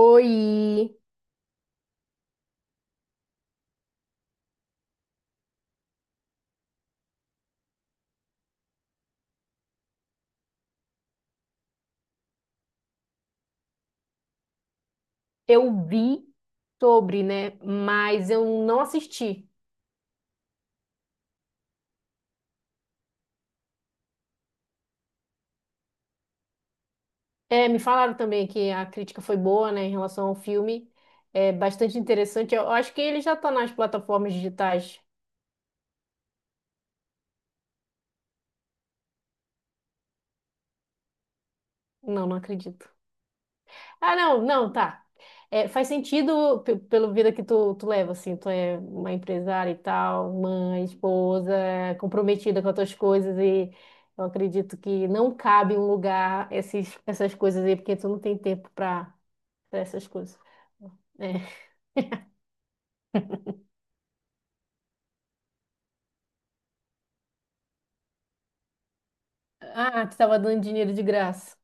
Oi, eu vi sobre, né? Mas eu não assisti. É, me falaram também que a crítica foi boa, né, em relação ao filme. É bastante interessante. Eu acho que ele já tá nas plataformas digitais. Não, não acredito. Ah, não, não, tá. É, faz sentido pelo vida que tu leva, assim. Tu é uma empresária e tal, mãe, esposa, comprometida com as tuas coisas e eu acredito que não cabe em um lugar essas coisas aí, porque tu não tem tempo pra para essas coisas. É. Ah, tu estava dando dinheiro de graça.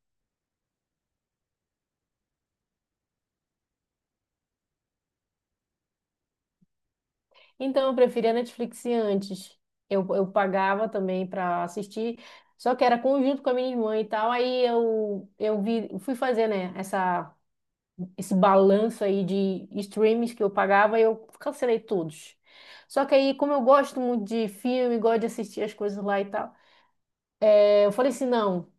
Então eu preferia Netflix antes. Eu pagava também para assistir, só que era conjunto com a minha irmã e tal. Aí eu vi, fui fazer, né, esse balanço aí de streams que eu pagava e eu cancelei todos. Só que aí, como eu gosto muito de filme, gosto de assistir as coisas lá e tal, é, eu falei assim: não.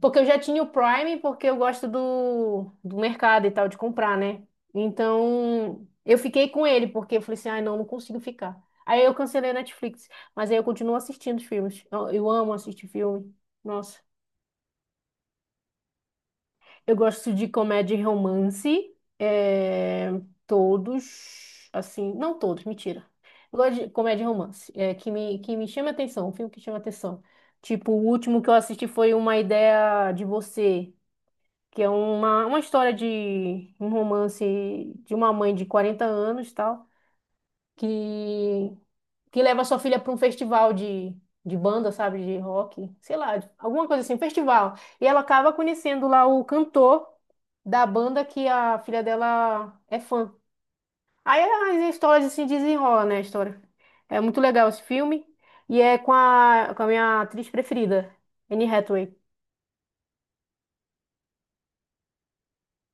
Porque eu já tinha o Prime, porque eu gosto do mercado e tal, de comprar, né? Então, eu fiquei com ele, porque eu falei assim, ai, não, não consigo ficar. Aí eu cancelei a Netflix, mas aí eu continuo assistindo os filmes. Eu amo assistir filme. Nossa. Eu gosto de comédia e romance. É, todos, assim, não todos, mentira. Eu gosto de comédia e romance, é, que me chama atenção, um filme que chama atenção. Tipo, o último que eu assisti foi Uma Ideia de Você. Que é uma história de um romance de uma mãe de 40 anos, tal, que que leva sua filha para um festival de banda, sabe, de rock, sei lá, alguma coisa assim, festival. E ela acaba conhecendo lá o cantor da banda que a filha dela é fã. Aí as histórias se desenrolam, né, a história. É muito legal esse filme e é com a minha atriz preferida, Anne Hathaway.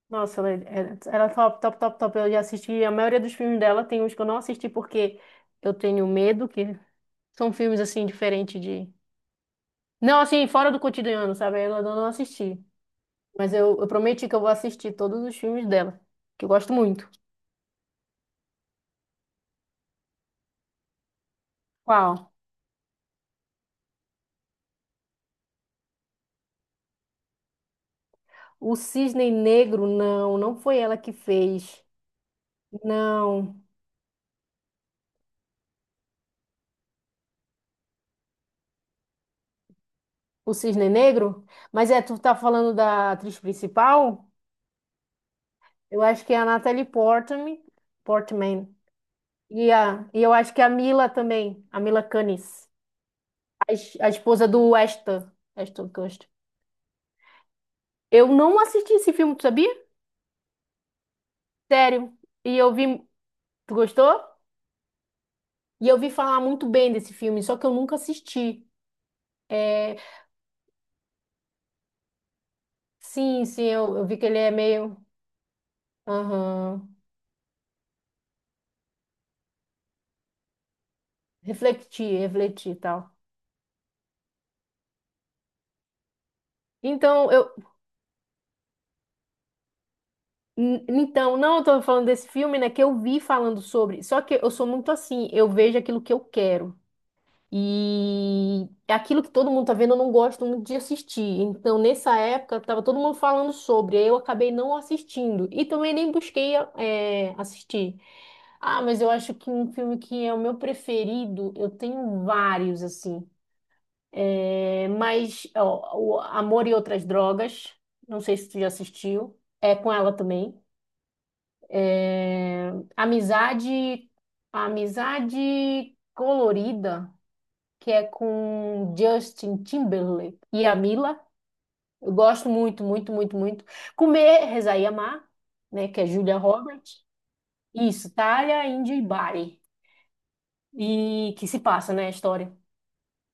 Nossa, ela é top, top, top, top. Eu já assisti a maioria dos filmes dela. Tem uns que eu não assisti porque eu tenho medo, que são filmes assim, diferentes de. Não, assim, fora do cotidiano, sabe? Eu não assisti. Mas eu prometi que eu vou assistir todos os filmes dela, que eu gosto muito. Qual? O Cisne Negro, não, não foi ela que fez. Não. O Cisne Negro? Mas é, tu tá falando da atriz principal? Eu acho que é a Natalie Portman. Portman. E, a, e eu acho que a Mila também, a Mila Kunis, a esposa do Ashton, Ashton Kutcher. Eu não assisti esse filme, tu sabia? Sério. E eu vi. Tu gostou? E eu vi falar muito bem desse filme, só que eu nunca assisti. É, sim, sim, eu vi que ele é meio. Aham. Refletir, refletir e tal. Então, eu. Então, não, eu tô falando desse filme, né? Que eu vi falando sobre. Só que eu sou muito assim, eu vejo aquilo que eu quero. E é aquilo que todo mundo tá vendo, eu não gosto muito de assistir. Então, nessa época, tava todo mundo falando sobre, aí eu acabei não assistindo. E também nem busquei assistir. Ah, mas eu acho que um filme que é o meu preferido, eu tenho vários, assim. Mas, ó, o Amor e Outras Drogas, não sei se tu já assistiu, é com ela também. Eh, Amizade, Amizade Colorida que é com Justin Timberlake e a Mila. Eu gosto muito, muito, muito, muito. Comer, Rezar e Amar, né, que é Julia Roberts. Isso, Thalia, Índio e Bari. E que se passa, né, a história.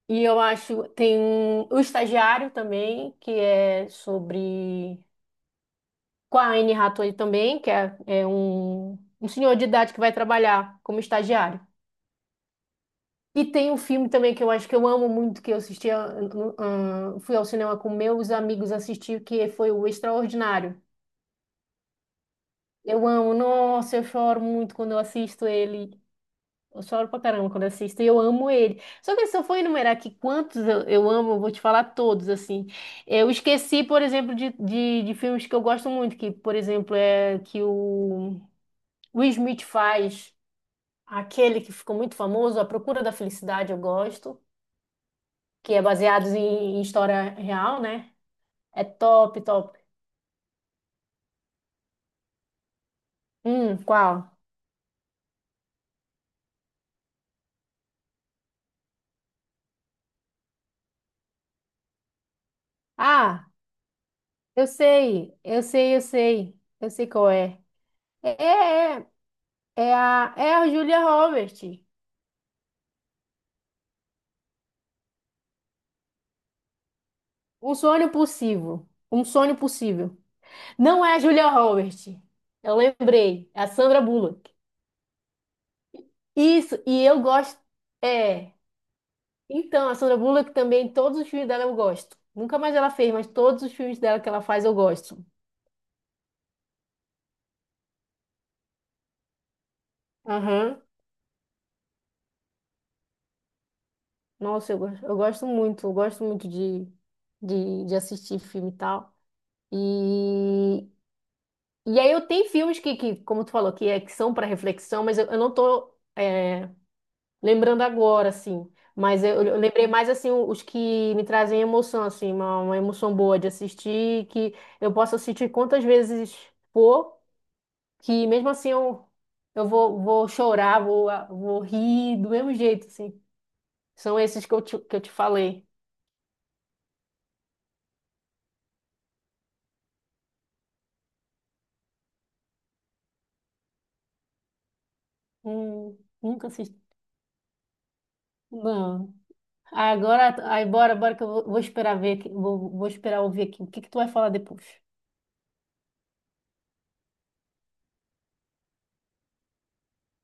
E eu acho, o Estagiário também, que é sobre... Com a Anne Hathaway também, que é, é um senhor de idade que vai trabalhar como estagiário. E tem um filme também que eu acho que eu amo muito, que eu assisti, fui ao cinema com meus amigos assistir, que foi o Extraordinário. Eu amo, nossa, eu choro muito quando eu assisto ele. Eu choro pra caramba quando assisto, e eu amo ele. Só que se eu for enumerar aqui quantos eu amo, eu vou te falar todos, assim. Eu esqueci, por exemplo, de filmes que eu gosto muito, que, por exemplo, é que o Will Smith faz, aquele que ficou muito famoso, A Procura da Felicidade, eu gosto. Que é baseado em história real, né? É top, top. Qual? Ah, eu sei qual é. É, é, é É a, é a Julia Roberts. Um sonho possível. Um sonho possível. Não é a Julia Roberts. Eu lembrei, é a Sandra Bullock. Isso, e eu gosto. É. Então, a Sandra Bullock também, todos os filmes dela eu gosto. Nunca mais ela fez, mas todos os filmes dela que ela faz eu gosto. Aham. Nossa, eu gosto muito de, de assistir filme e tal. E, e aí eu tenho filmes que como tu falou, que, é, que são para reflexão, mas eu não tô lembrando agora, assim. Mas eu lembrei mais, assim, os que me trazem emoção, assim, uma emoção boa de assistir, que eu posso assistir quantas vezes for, que mesmo assim eu vou, vou chorar, vou, vou rir do mesmo jeito, assim. São esses que que eu te falei. Nunca assisti. Não. Agora, bora que vou esperar ver aqui, vou esperar ouvir aqui o que que tu vai falar depois.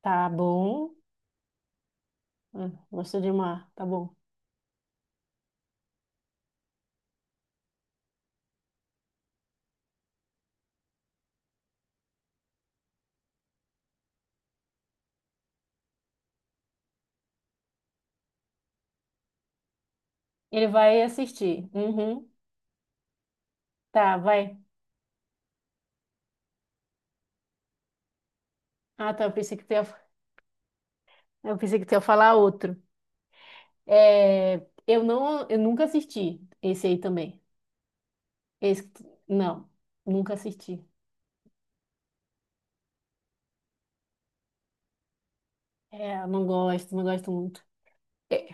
Tá bom. Gostou de mar, tá bom. Ele vai assistir. Uhum. Tá, vai. Ah, tá, eu pensei que tu ia falar outro. É, eu nunca assisti esse aí também. Não, nunca assisti. É, eu não gosto, não gosto muito. É.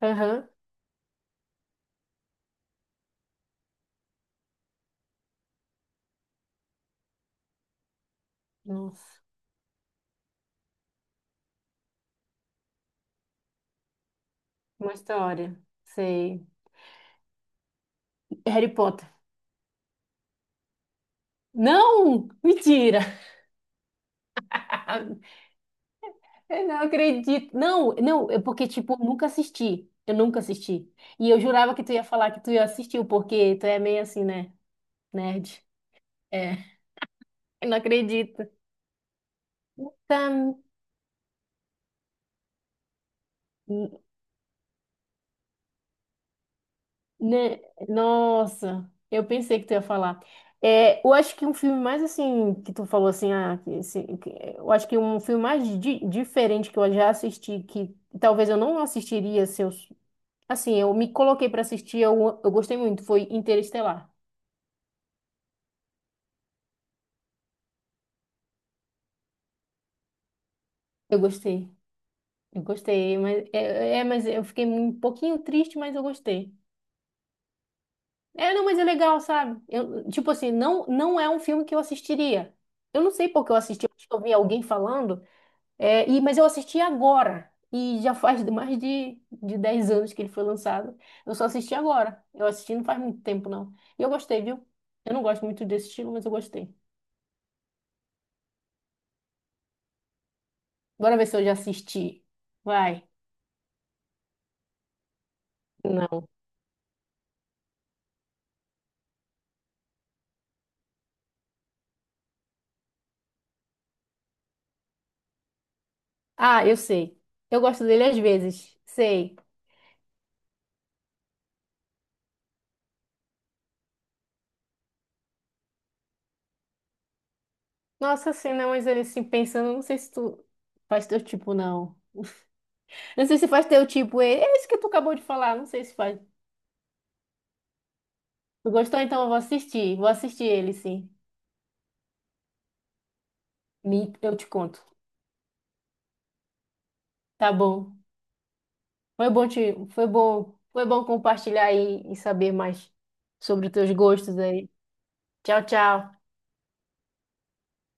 Aham. Nossa, uma história. Sei. Harry Potter. Não, mentira. Eu não acredito. Não, não, é porque tipo, eu nunca assisti. Eu nunca assisti. E eu jurava que tu ia assistir, porque tu é meio assim, né? Nerd. É. Eu não acredito. Tam, né? Nossa, eu pensei que tu ia falar. É, eu acho que um filme mais assim, que tu falou assim, ah, que, eu acho que um filme mais diferente que eu já assisti, que talvez eu não assistiria se eu assim, eu me coloquei pra assistir, eu gostei muito, foi Interestelar. Eu gostei, eu gostei, mas mas eu fiquei um pouquinho triste, mas eu gostei. É, não, mas é legal, sabe? Eu, tipo assim, não é um filme que eu assistiria. Eu não sei porque eu assisti, eu acho que eu vi alguém falando, mas eu assisti agora. E já faz mais de 10 anos que ele foi lançado. Eu só assisti agora. Eu assisti não faz muito tempo, não. E eu gostei, viu? Eu não gosto muito desse estilo, mas eu gostei. Bora ver se eu já assisti. Vai. Não. Ah, eu sei. Eu gosto dele às vezes. Sei. Nossa, assim, não, mas assim, pensando, não sei se tu faz teu tipo, não. Não sei se faz teu tipo. Ele. É isso que tu acabou de falar, não sei se faz. Tu gostou, então eu vou assistir. Vou assistir ele, sim. Eu te conto. Tá bom. Foi bom te... Foi bom. Foi bom compartilhar e saber mais sobre os teus gostos aí. Tchau, tchau.